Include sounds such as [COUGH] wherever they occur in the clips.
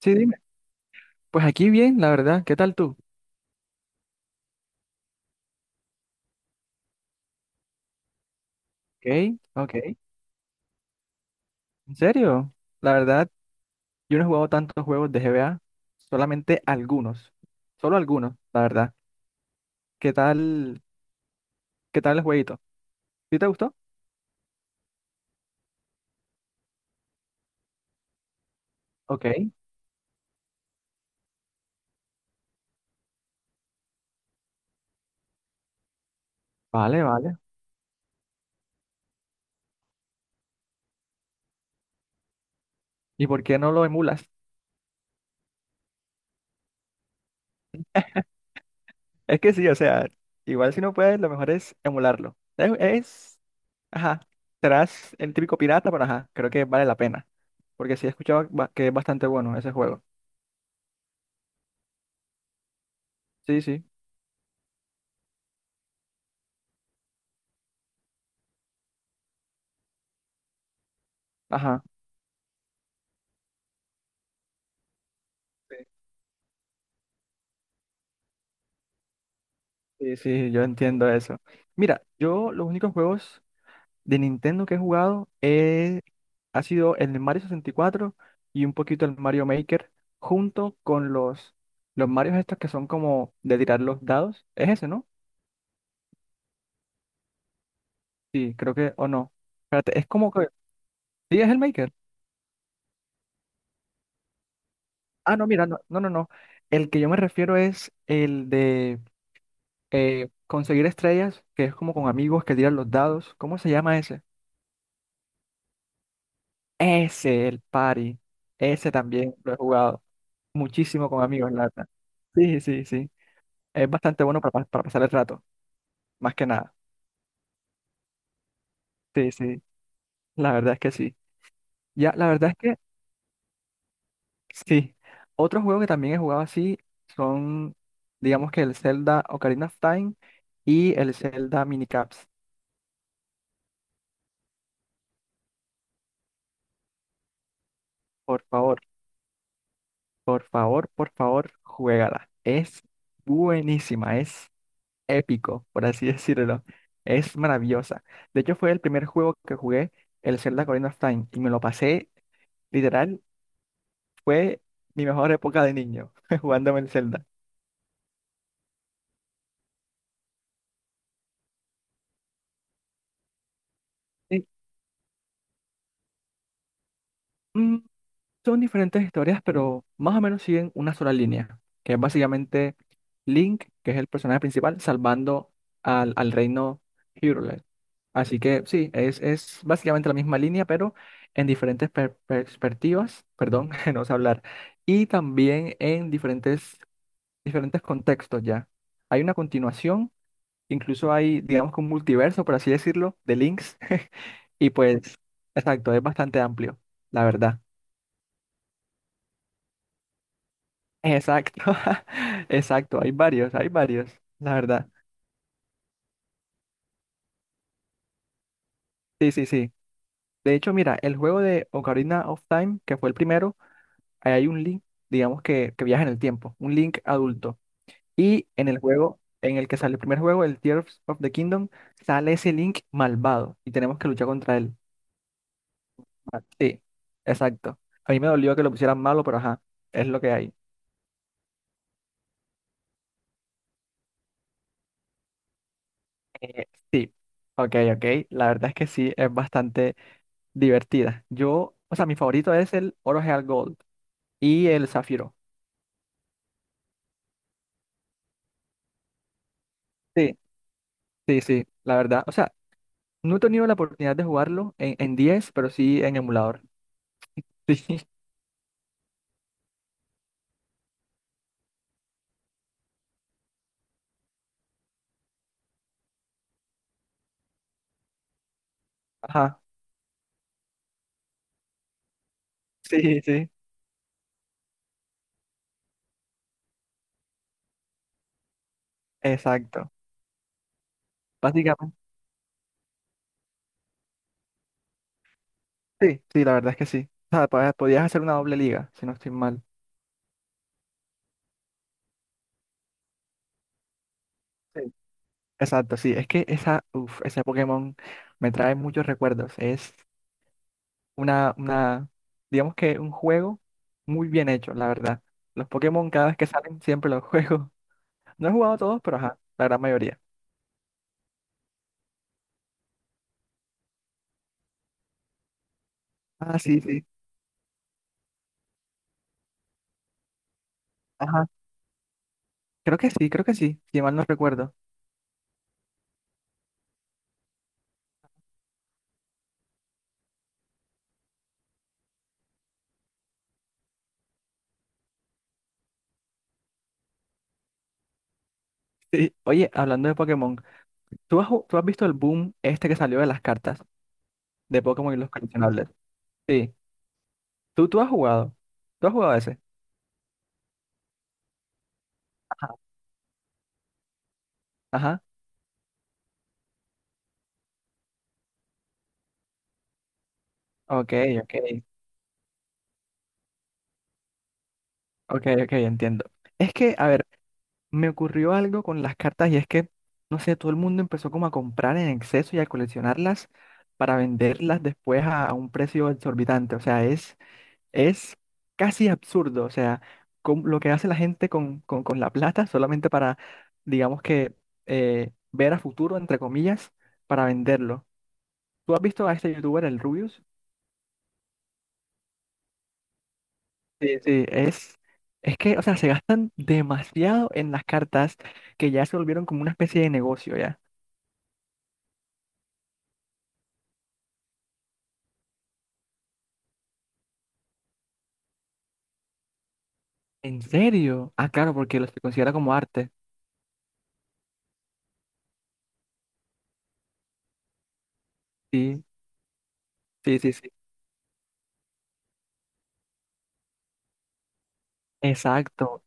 Sí, dime. Pues aquí bien, la verdad. ¿Qué tal tú? Ok, ok. ¿En serio? La verdad, yo no he jugado tantos juegos de GBA, solamente algunos. Solo algunos, la verdad. ¿Qué tal, qué tal el jueguito? ¿Sí te gustó? Ok, vale, vale. ¿Y por qué no lo emulas? [LAUGHS] Es que sí, o sea, igual si no puedes, lo mejor es emularlo. Ajá, serás el típico pirata, pero ajá, creo que vale la pena. Porque sí he escuchado que es bastante bueno ese juego. Sí, sí, ajá. Sí, sí, yo entiendo eso. Mira, yo los únicos juegos de Nintendo que he jugado ha sido el Mario 64 y cuatro y un poquito el Mario Maker, junto con los Marios estos que son como de tirar los dados. ¿Es ese, no? Sí, creo que, o no. Espérate, es como que. Sí, es el Maker. Ah, no, mira, no, no, no, no. El que yo me refiero es el de conseguir estrellas, que es como con amigos que tiran los dados. ¿Cómo se llama ese? Ese, el party. Ese también lo he jugado muchísimo con amigos en lata. Sí, sí, sí. Es bastante bueno para pasar el rato, más que nada. Sí, sí. La verdad es que sí. Ya, la verdad es que sí. Otro juego que también he jugado así son, digamos que el Zelda Ocarina of Time y el Zelda Minicaps. Por favor, por favor, por favor, juégala. Es buenísima. Es épico, por así [LAUGHS] decirlo. Es maravillosa. De hecho, fue el primer juego que jugué, el Zelda Ocarina of Time, y me lo pasé, literal, fue mi mejor época de niño, [LAUGHS] jugándome el Zelda. Y, mm, son diferentes historias, pero más o menos siguen una sola línea, que es básicamente Link, que es el personaje principal, salvando al reino Hyrule. Así que sí, es básicamente la misma línea, pero en diferentes perspectivas, perdón, [LAUGHS] no sé hablar, y también en diferentes, diferentes contextos ya. Hay una continuación, incluso hay, digamos que un multiverso, por así decirlo, de links, [LAUGHS] y pues, exacto, es bastante amplio, la verdad. Exacto, [LAUGHS] exacto, hay varios, la verdad. Sí, sí, sí. De hecho, mira, el juego de Ocarina of Time, que fue el primero, ahí hay un link, digamos que viaja en el tiempo, un link adulto. Y en el juego, en el que sale el primer juego, el Tears of the Kingdom, sale ese link malvado y tenemos que luchar contra él. Ah, sí, exacto. A mí me dolió que lo pusieran malo, pero ajá, es lo que hay. Eh, sí, ok, ok. La verdad es que sí, es bastante divertida. Yo, o sea, mi favorito es el Oro Real Gold y el Zafiro. Sí, sí, sí, la verdad. O sea, no he tenido la oportunidad de jugarlo en 10 pero sí en emulador. [LAUGHS] Sí. Ajá, sí, sí, exacto. Básicamente, sí, sí, la verdad es que sí. O sea, podías, podías hacer una doble liga, si no estoy mal. Sí. Exacto, sí, es que ese Pokémon me trae muchos recuerdos. Es una, una, digamos que un juego muy bien hecho, la verdad. Los Pokémon cada vez que salen siempre los juego. [LAUGHS] No he jugado todos, pero ajá, la gran mayoría. Ah, sí, sí. Ajá, creo que sí, si mal no recuerdo. Sí. Oye, hablando de Pokémon, ¿tú has, tú has visto el boom este que salió de las cartas de Pokémon y los coleccionables? Sí. ¿Tú, tú has jugado? ¿Tú has jugado ese? Ajá. Ajá. Ok, ok. Ok, ok, entiendo. Es que, a ver, me ocurrió algo con las cartas y es que, no sé, todo el mundo empezó como a comprar en exceso y a coleccionarlas para venderlas después a un precio exorbitante. O sea, es casi absurdo. O sea, con, lo que hace la gente con, la plata solamente para, digamos que, ver a futuro, entre comillas, para venderlo. ¿Tú has visto a este youtuber, el Rubius? Sí, sí, es que, o sea, se gastan demasiado en las cartas que ya se volvieron como una especie de negocio, ¿ya? ¿En serio? Ah, claro, porque lo se considera como arte. Sí, sí, sí, sí. Exacto.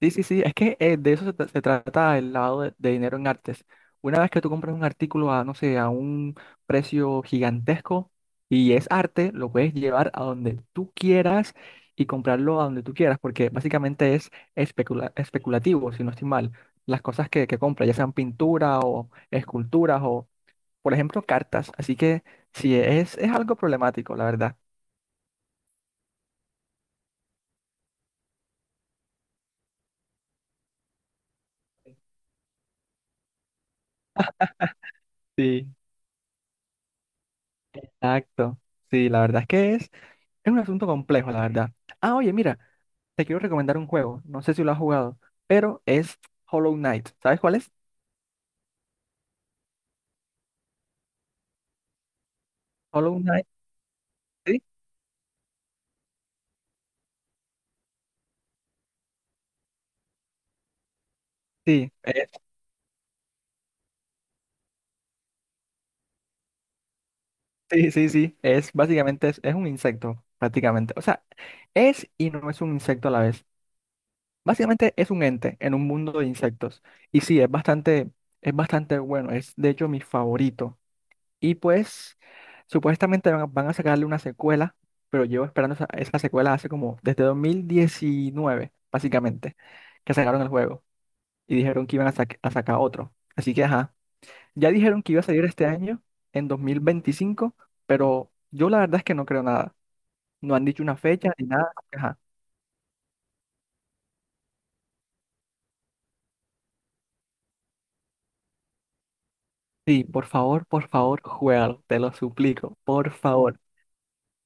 Sí, sí, sí, es que de eso se trata el lavado de dinero en artes. Una vez que tú compras un artículo a, no sé, a un precio gigantesco y es arte, lo puedes llevar a donde tú quieras y comprarlo a donde tú quieras, porque básicamente es especulativo, si no estoy mal. Las cosas que compras, ya sean pintura o esculturas o, por ejemplo, cartas. Así que sí, es algo problemático, la verdad. Sí. Exacto. Sí, la verdad es que es un asunto complejo, la verdad. Ah, oye, mira. Te quiero recomendar un juego, no sé si lo has jugado, pero es Hollow Knight. ¿Sabes cuál es? Hollow Knight, sí, sí, sí, sí, sí. Es básicamente es un insecto, prácticamente. O sea, es y no es un insecto a la vez. Básicamente es un ente en un mundo de insectos. Y sí, es bastante bueno. Es de hecho mi favorito. Y pues, supuestamente van a sacarle una secuela, pero llevo esperando esa secuela hace como desde 2019, básicamente, que sacaron el juego. Y dijeron que iban a sacar otro. Así que, ajá, ya dijeron que iba a salir este año, en 2025, pero yo la verdad es que no creo nada. No han dicho una fecha ni nada. Así que, ajá. Sí, por favor, juégalo, te lo suplico, por favor,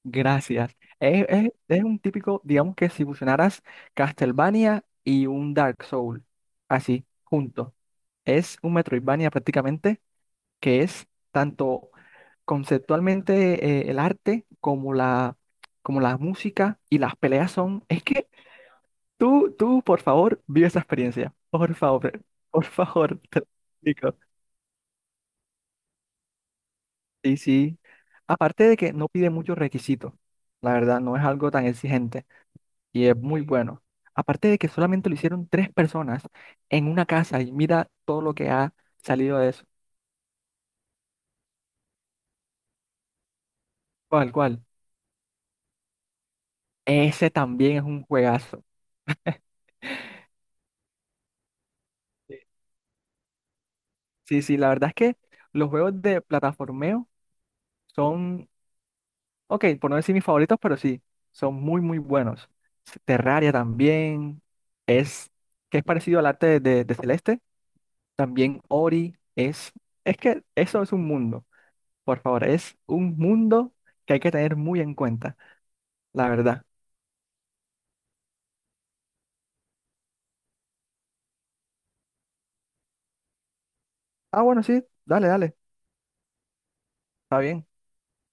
gracias. Es, es un típico, digamos que si fusionaras Castlevania y un Dark Soul, así, junto. Es un Metroidvania prácticamente que es tanto conceptualmente el arte como como la música y las peleas son, es que por favor, vive esa experiencia. Por favor, [LAUGHS] por favor, te lo explico. Sí, sí. Aparte de que no pide muchos requisitos, la verdad, no es algo tan exigente y es muy bueno. Aparte de que solamente lo hicieron tres personas en una casa y mira todo lo que ha salido de eso. ¿Cuál, cuál? Ese también es un juegazo. Sí, sí, la verdad es que los juegos de plataformeo son, ok, por no decir mis favoritos, pero sí, son muy, muy buenos. Terraria también es, que es parecido al arte de Celeste. También Ori es que eso es un mundo, por favor, es un mundo que hay que tener muy en cuenta, la verdad. Ah, bueno, sí, dale, dale, está bien.